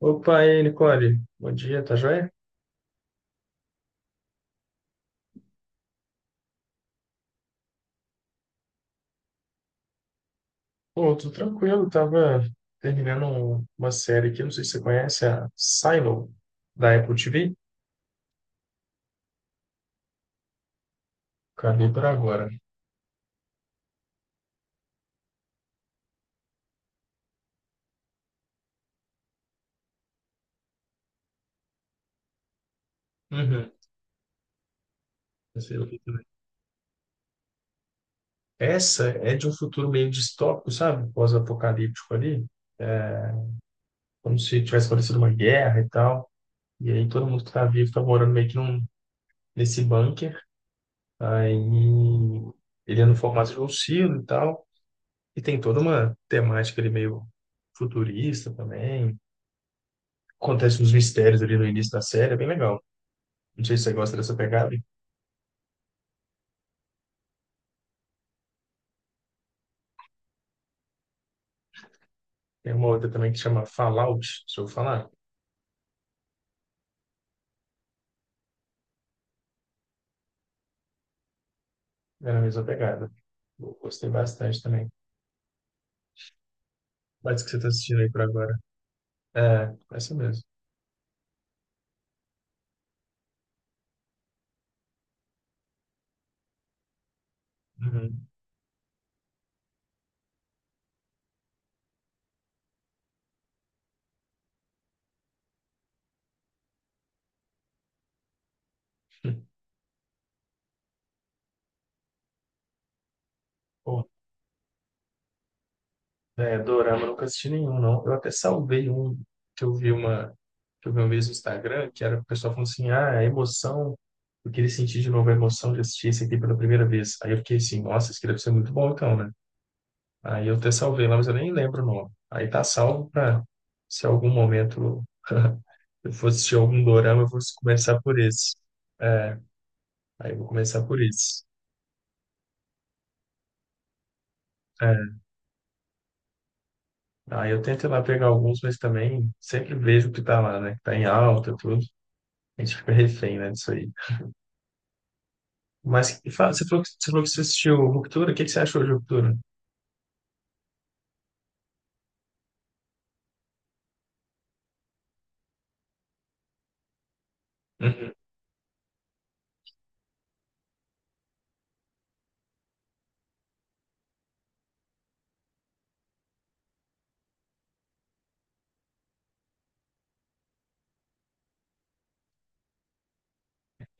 Opa, e aí, Nicole? Bom dia, tá joia? Pô, tudo tranquilo, tava terminando uma série aqui, não sei se você conhece, a Silo, da Apple TV. Acabei por agora. Uhum. Essa eu vi também. Essa é de um futuro meio distópico, sabe? Pós-apocalíptico ali, é, como se tivesse acontecido uma guerra e tal. E aí todo mundo que tá vivo tá morando meio nesse bunker. Aí ele é no formato de um silo e tal. E tem toda uma temática ali meio futurista também. Acontece uns mistérios ali no início da série, é bem legal. Não sei se você gosta dessa pegada. Tem uma outra também que chama Fallout, se eu falar, é a mesma pegada. Eu gostei bastante também. Mas que você tá assistindo aí por agora? É, essa mesmo. Uhum. Pô, é, dorama, eu nunca assisti nenhum, não. Eu até salvei um que eu vi uma que eu vi uma vez no Instagram, que era o pessoal falando assim, ah, a emoção, eu queria sentir de novo a emoção de assistir esse aqui pela primeira vez. Aí eu fiquei assim, nossa, isso aqui deve ser muito bom então, né? Aí eu até salvei lá, mas eu nem lembro o nome. Aí tá salvo para se algum momento eu for assistir algum dorama, eu vou começar por esse. É, aí eu vou começar por esse. É, aí eu tento ir lá pegar alguns, mas também sempre vejo o que tá lá, né? Que tá em alta, tudo. A gente fica refém, né, disso aí. Mas e fala, você falou que você assistiu Ruptura, o que que você achou de Ruptura? Uhum,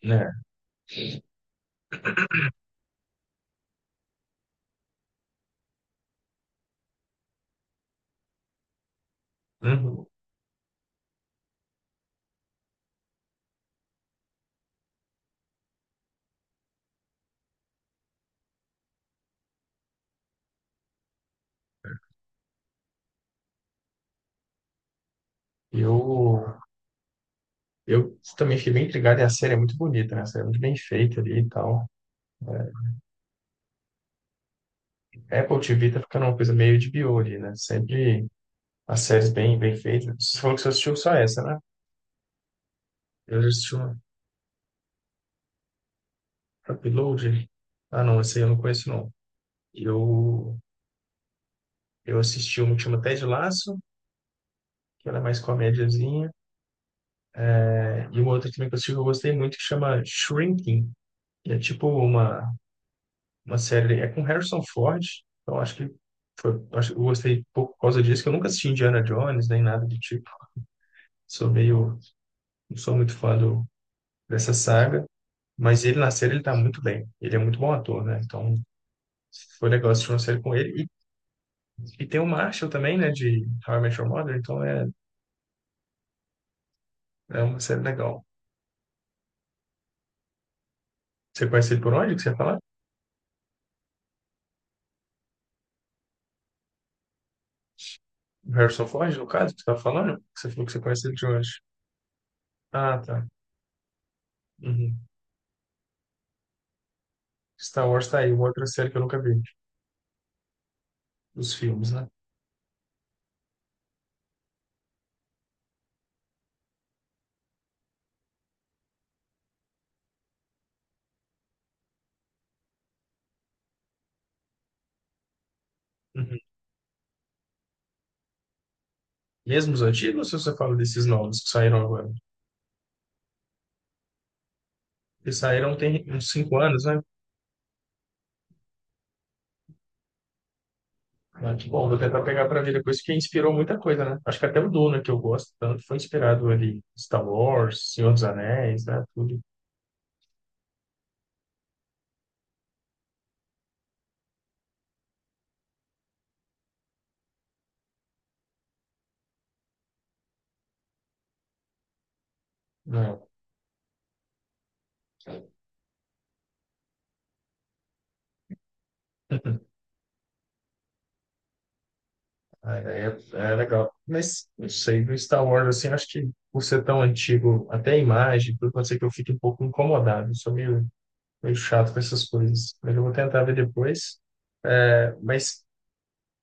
né? Uhum. Eu, eu também fiquei bem intrigado e a série é muito bonita, né? A série é muito bem feita ali e tal. Apple TV tá ficando uma coisa meio de bio ali, né? Sempre as séries bem feitas. Você falou que você assistiu só essa, né? Eu já assisti uma Upload. Ah, não, essa aí eu não conheço, não. Eu, eu assisti uma que chama Ted Lasso, que ela é mais comédiazinha. Né? E uma outra também que eu assisti que eu gostei muito, que chama Shrinking. Que é tipo uma série... É com Harrison Ford. Então, acho que foi, acho, que eu gostei pouco por causa disso, que eu nunca assisti Indiana Jones, nem nada do tipo. Sou meio... Não sou muito fã dessa saga. Mas ele na série, ele tá muito bem. Ele é muito bom ator, né? Então, foi legal assistir uma série com ele. E tem o Marshall também, né? De How I Met Your Mother. Então, é, é uma série legal. Você conhece ele por onde que você ia falar? O Harrison Ford, no caso, que você tá falando? Você falou que você conhece ele de onde? Ah, tá. Uhum. Star Wars tá aí, uma outra série que eu nunca vi. Os filmes, né? Uhum. Mesmo os antigos, ou se você fala desses novos que saíram agora? Que saíram tem uns cinco anos, né? Ah, que bom, vou tentar pegar pra ver depois, que inspirou muita coisa, né? Acho que até o Duna, que eu gosto tanto, foi inspirado ali. Star Wars, Senhor dos Anéis, né? Tudo. Não. É, é, é legal. Mas, não sei, do Star Wars, assim, acho que por ser tão antigo, até a imagem, tudo pode ser que eu fique um pouco incomodado. Sou meio chato com essas coisas. Mas eu vou tentar ver depois. É, mas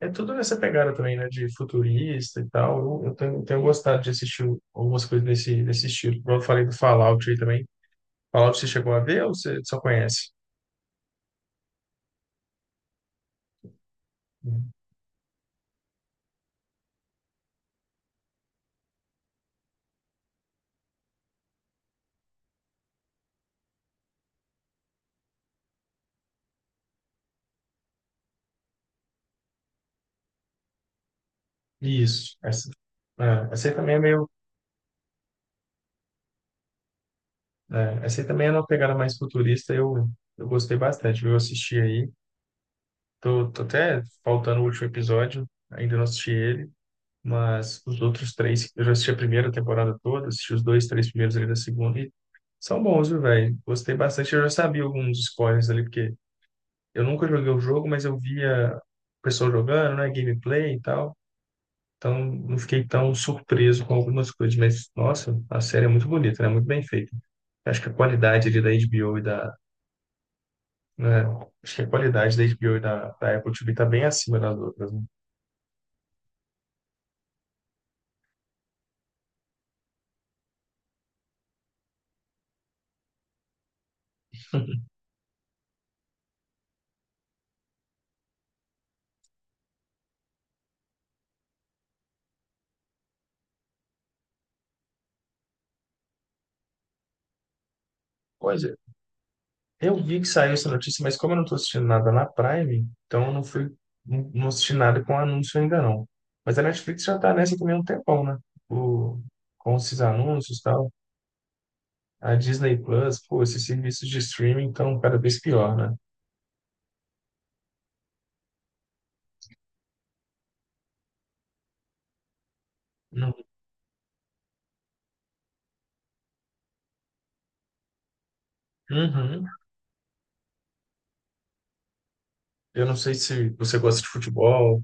é tudo nessa pegada também, né? De futurista e tal. Eu tenho gostado de assistir algumas coisas desse estilo. Como eu falei do Fallout aí também. Fallout você chegou a ver ou você só conhece? Isso. Essa, é, essa aí também é meio. É, essa aí também é uma pegada mais futurista. Eu gostei bastante, viu? Eu assisti aí. Tô até faltando o último episódio, ainda não assisti ele, mas os outros três, eu já assisti a primeira temporada toda, assisti os dois, três primeiros ali da segunda e são bons, viu, velho? Gostei bastante. Eu já sabia alguns spoilers ali, porque eu nunca joguei o jogo, mas eu via o pessoal jogando, né? Gameplay e tal. Então, não fiquei tão surpreso com algumas coisas, mas, nossa, a série é muito bonita, né? Muito bem feita. Acho que a qualidade ali da HBO e da, né? Acho que a qualidade da HBO e da Apple TV tá bem acima das outras, né? Pois é. Eu vi que saiu essa notícia, mas como eu não tô assistindo nada na Prime, então eu não fui, não assisti nada com anúncio ainda não. Mas a Netflix já tá nessa também há um tempão, né? O, com esses anúncios e tal. A Disney Plus, pô, esses serviços de streaming estão cada vez pior, né? Não. Uhum. Eu não sei se você gosta de futebol,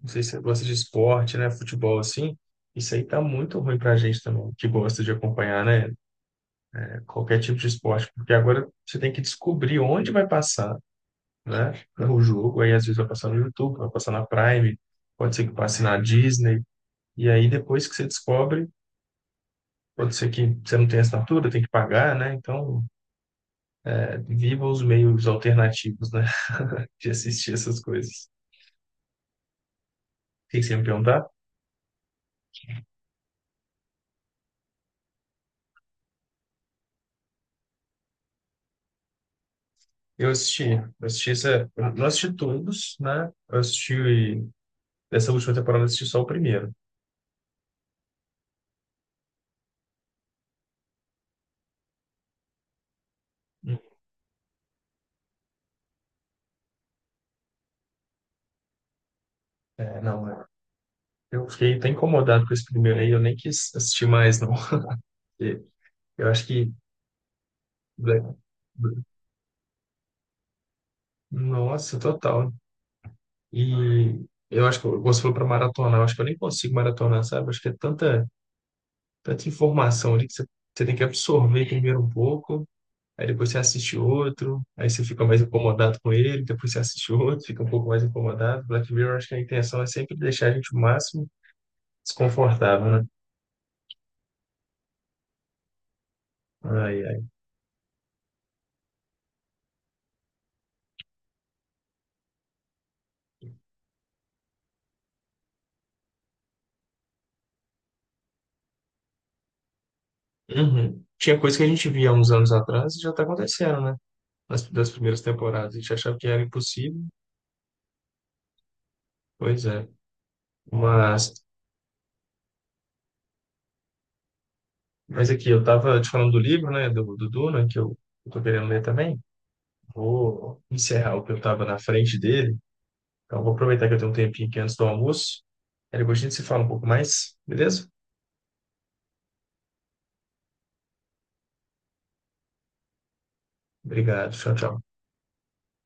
não sei se você gosta de esporte, né? Futebol assim. Isso aí tá muito ruim pra gente também, que gosta de acompanhar, né? Qualquer tipo de esporte, porque agora você tem que descobrir onde vai passar, né? O jogo, aí às vezes vai passar no YouTube, vai passar na Prime, pode ser que passe na Disney. E aí depois que você descobre, pode ser que você não tenha assinatura, tem que pagar, né? Então, é, viva os meios alternativos, né? De assistir essas coisas. O que que você ia me perguntar? Eu assisti, eu assisti essa, eu não assisti todos, né? Dessa última temporada, eu assisti só o primeiro. É, não, é. Eu fiquei tão incomodado com esse primeiro aí, eu nem quis assistir mais, não. E eu acho que. Black- Nossa, total. E eu acho você falou para maratonar, eu acho que eu nem consigo maratonar, sabe? Acho que é tanta informação ali você tem que absorver primeiro um pouco, aí depois você assiste outro, aí você fica mais incomodado com ele, depois você assiste outro, fica um pouco mais incomodado. Black Mirror, acho que a intenção é sempre deixar a gente o máximo desconfortável, né? Ai, ai. Uhum. Tinha coisa que a gente via há uns anos atrás e já tá acontecendo, né? Nas, das primeiras temporadas. A gente achava que era impossível, pois é. Mas, mas aqui, eu tava te falando do livro, né? Do Duna, eu tô querendo ler também. Vou encerrar o que eu tava na frente dele. Então, vou aproveitar que eu tenho um tempinho aqui antes do almoço. Aí depois a gente se fala um pouco mais, beleza? Obrigado. Tchau, tchau.